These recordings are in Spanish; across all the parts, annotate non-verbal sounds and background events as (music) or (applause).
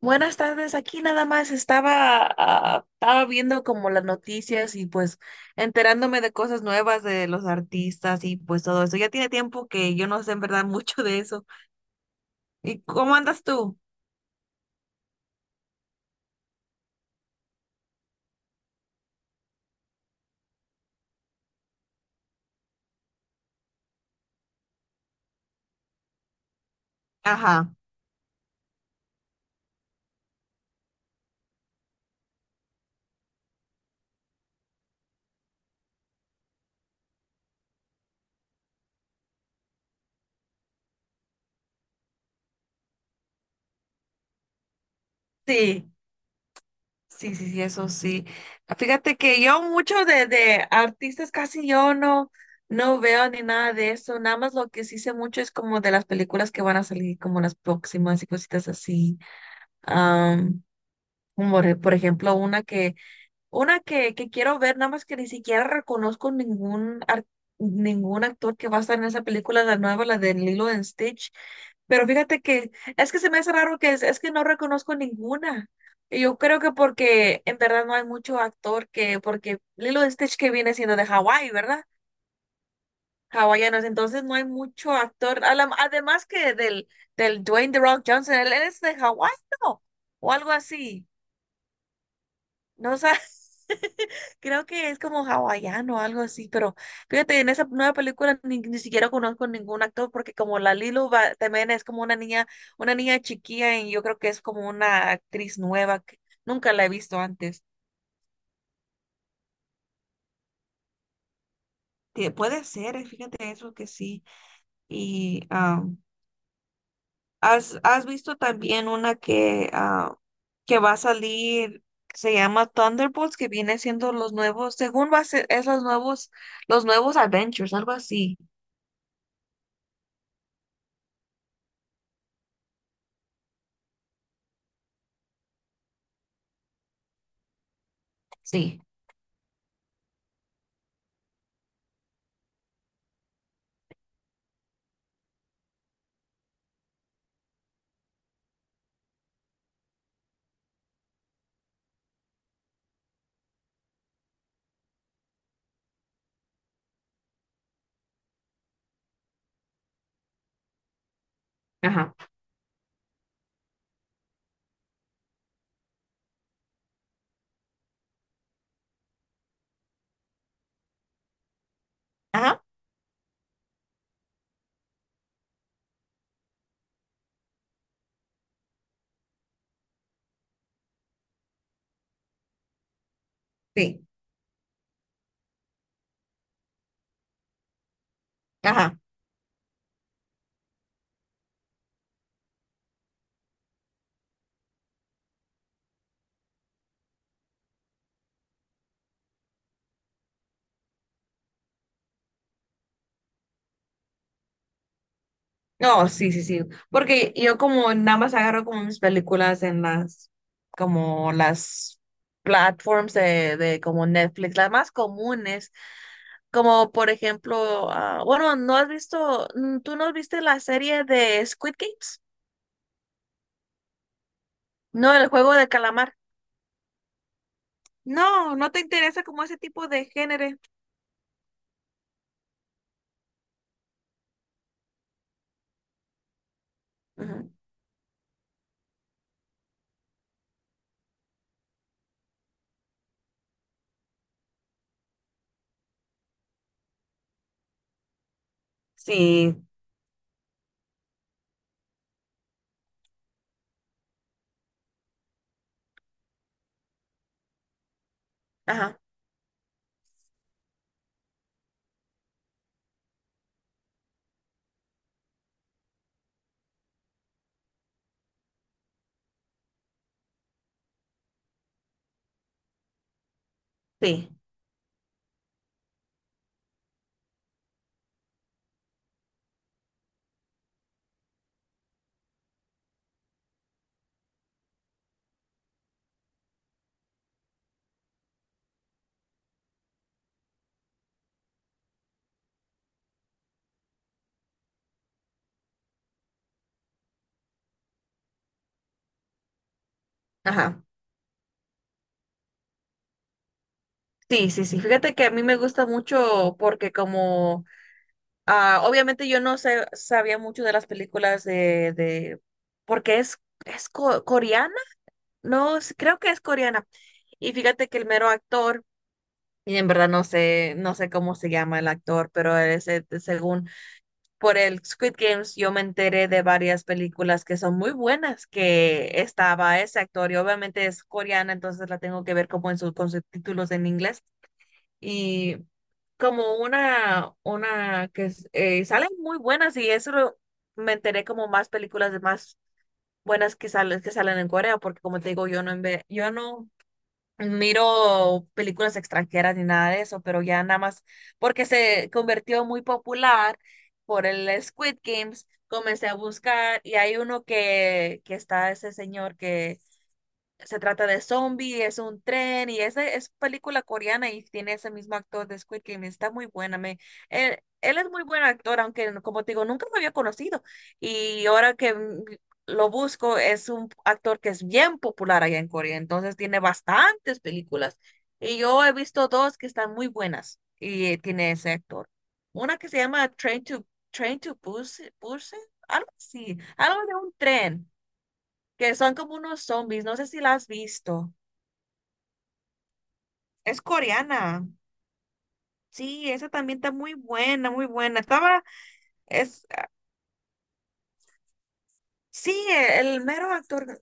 Buenas tardes, aquí nada más estaba viendo como las noticias y pues enterándome de cosas nuevas de los artistas y pues todo eso. Ya tiene tiempo que yo no sé en verdad (laughs) mucho de eso. ¿Y cómo andas tú? Ajá, sí, sí, sí, sí, eso sí. Fíjate que yo mucho de artistas casi yo no veo ni nada de eso. Nada más lo que sí sé mucho es como de las películas que van a salir como las próximas y cositas así. Am, por ejemplo, una que quiero ver, nada más que ni siquiera reconozco ningún actor que va a estar en esa película, la nueva, la de Lilo and Stitch. Pero fíjate que es que se me hace raro, que es que no reconozco ninguna. Y yo creo que porque en verdad no hay mucho actor que, porque Lilo and Stitch que viene siendo de Hawái, ¿verdad? Hawaiianos, entonces no hay mucho actor. Además que del Dwayne The Rock Johnson, él es de Hawái, ¿no? O algo así. No sé, (laughs) creo que es como hawaiano o algo así, pero fíjate, en esa nueva película ni siquiera conozco ningún actor porque como la Lilo también es como una niña, chiquilla y yo creo que es como una actriz nueva que nunca la he visto antes. Puede ser, fíjate eso que sí. Y has visto también una que va a salir, que se llama Thunderbolts, que viene siendo los nuevos, según va a ser, es los nuevos Adventures, algo así. Sí, ajá, ajá, sí, ajá. No, sí, sí, sí. Porque yo como nada más agarro como mis películas en las, como las platforms de como Netflix, las más comunes, como por ejemplo, bueno, ¿no has visto, tú no viste la serie de Squid Games? No, el juego de calamar. No, no te interesa como ese tipo de género. Ujú. Sí, ajá, sí, ajá. Sí, sí, sí. Fíjate que a mí me gusta mucho porque como Ah, obviamente yo no sabía mucho de las películas de porque es coreana, no, sí, creo que es coreana. Y fíjate que el mero actor, y en verdad no sé cómo se llama el actor, pero ese, según por el Squid Games, yo me enteré de varias películas que son muy buenas, que estaba ese actor, y obviamente es coreana, entonces la tengo que ver como con sus títulos en inglés y como una salen muy buenas. Y eso, me enteré como más películas de más buenas que salen, en Corea, porque como te digo, yo no miro películas extranjeras ni nada de eso, pero ya nada más porque se convirtió muy popular por el Squid Games, comencé a buscar y hay uno que está ese señor que se trata de zombie, es un tren y esa es película coreana y tiene ese mismo actor de Squid Game. Está muy buena. Él es muy buen actor, aunque como te digo, nunca lo había conocido. Y ahora que lo busco, es un actor que es bien popular allá en Corea. Entonces tiene bastantes películas. Y yo he visto dos que están muy buenas y tiene ese actor. Una que se llama Train to Busan, algo así, algo de un tren que son como unos zombies, no sé si la has visto. Es coreana. Sí, esa también está muy buena, muy buena. Estaba, es, sí, el mero actor.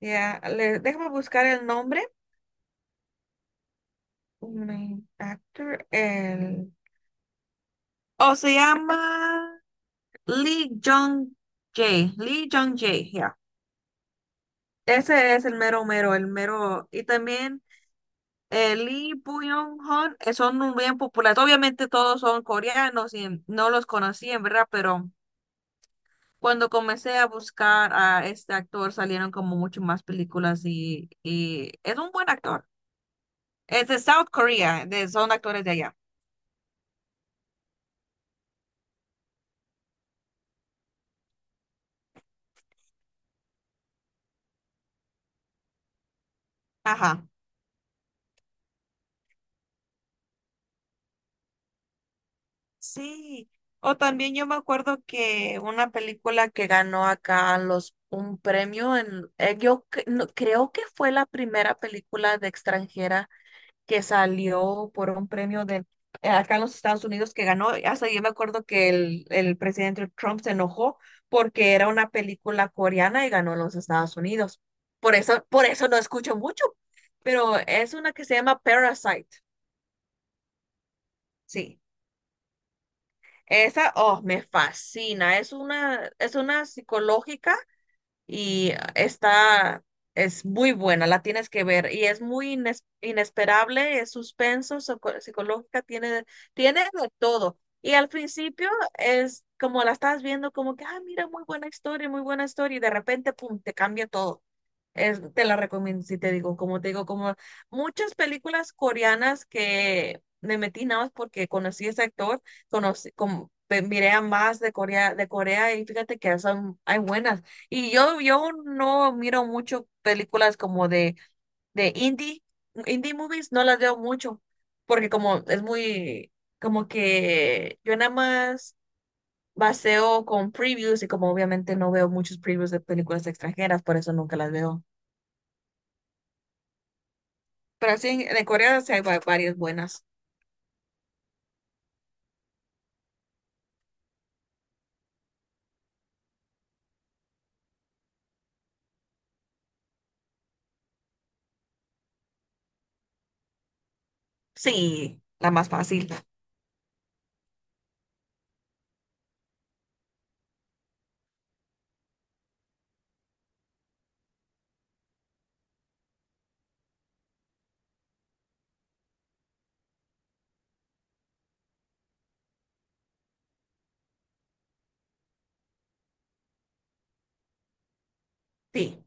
Ya, déjame buscar el nombre. Main actor, el. Oh, se llama Lee Jong Jae. Lee Jong Jae, ya. Ese es el mero mero, el mero. Y también Lee Byung-hun son un bien populares. Obviamente todos son coreanos y no los conocí en verdad, pero. Cuando comencé a buscar a este actor, salieron como mucho más películas y es un buen actor. Es de South Korea, son actores de allá. Ajá. Sí. O también yo me acuerdo que una película que ganó acá los un premio en yo creo que fue la primera película de extranjera que salió por un premio de acá en los Estados Unidos que ganó. Hasta yo me acuerdo que el presidente Trump se enojó porque era una película coreana y ganó en los Estados Unidos. Por eso no escucho mucho, pero es una que se llama Parasite. Sí. Esa, oh, me fascina. Es una psicológica y es muy buena, la tienes que ver y es muy inesperable, es suspenso, psicológica, tiene de todo. Y al principio es como la estás viendo como que, mira, muy buena historia y de repente, pum, te cambia todo. Te la recomiendo, si te digo, como te digo, como muchas películas coreanas que me metí nada más porque conocí a ese actor, miré a más de Corea y fíjate que hay buenas. Y yo no miro mucho películas como de indie movies, no las veo mucho, porque como es muy, como que yo nada más baseo con previews y como obviamente no veo muchos previews de películas extranjeras, por eso nunca las veo. Pero sí, en Corea sí hay varias buenas. Sí, la más fácil. Sí,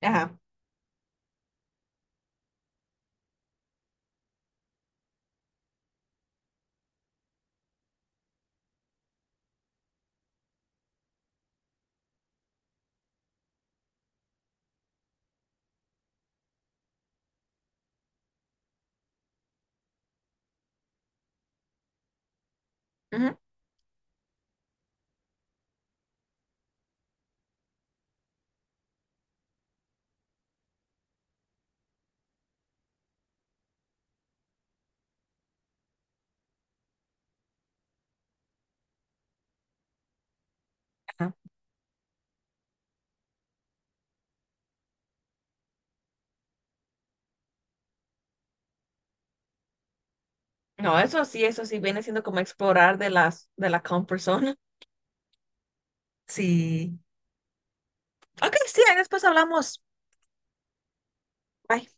ajá. Ujú, ajá. No, eso sí viene siendo como explorar de de la comfort zone. (laughs) Sí. Ok, sí, ahí después hablamos. Bye.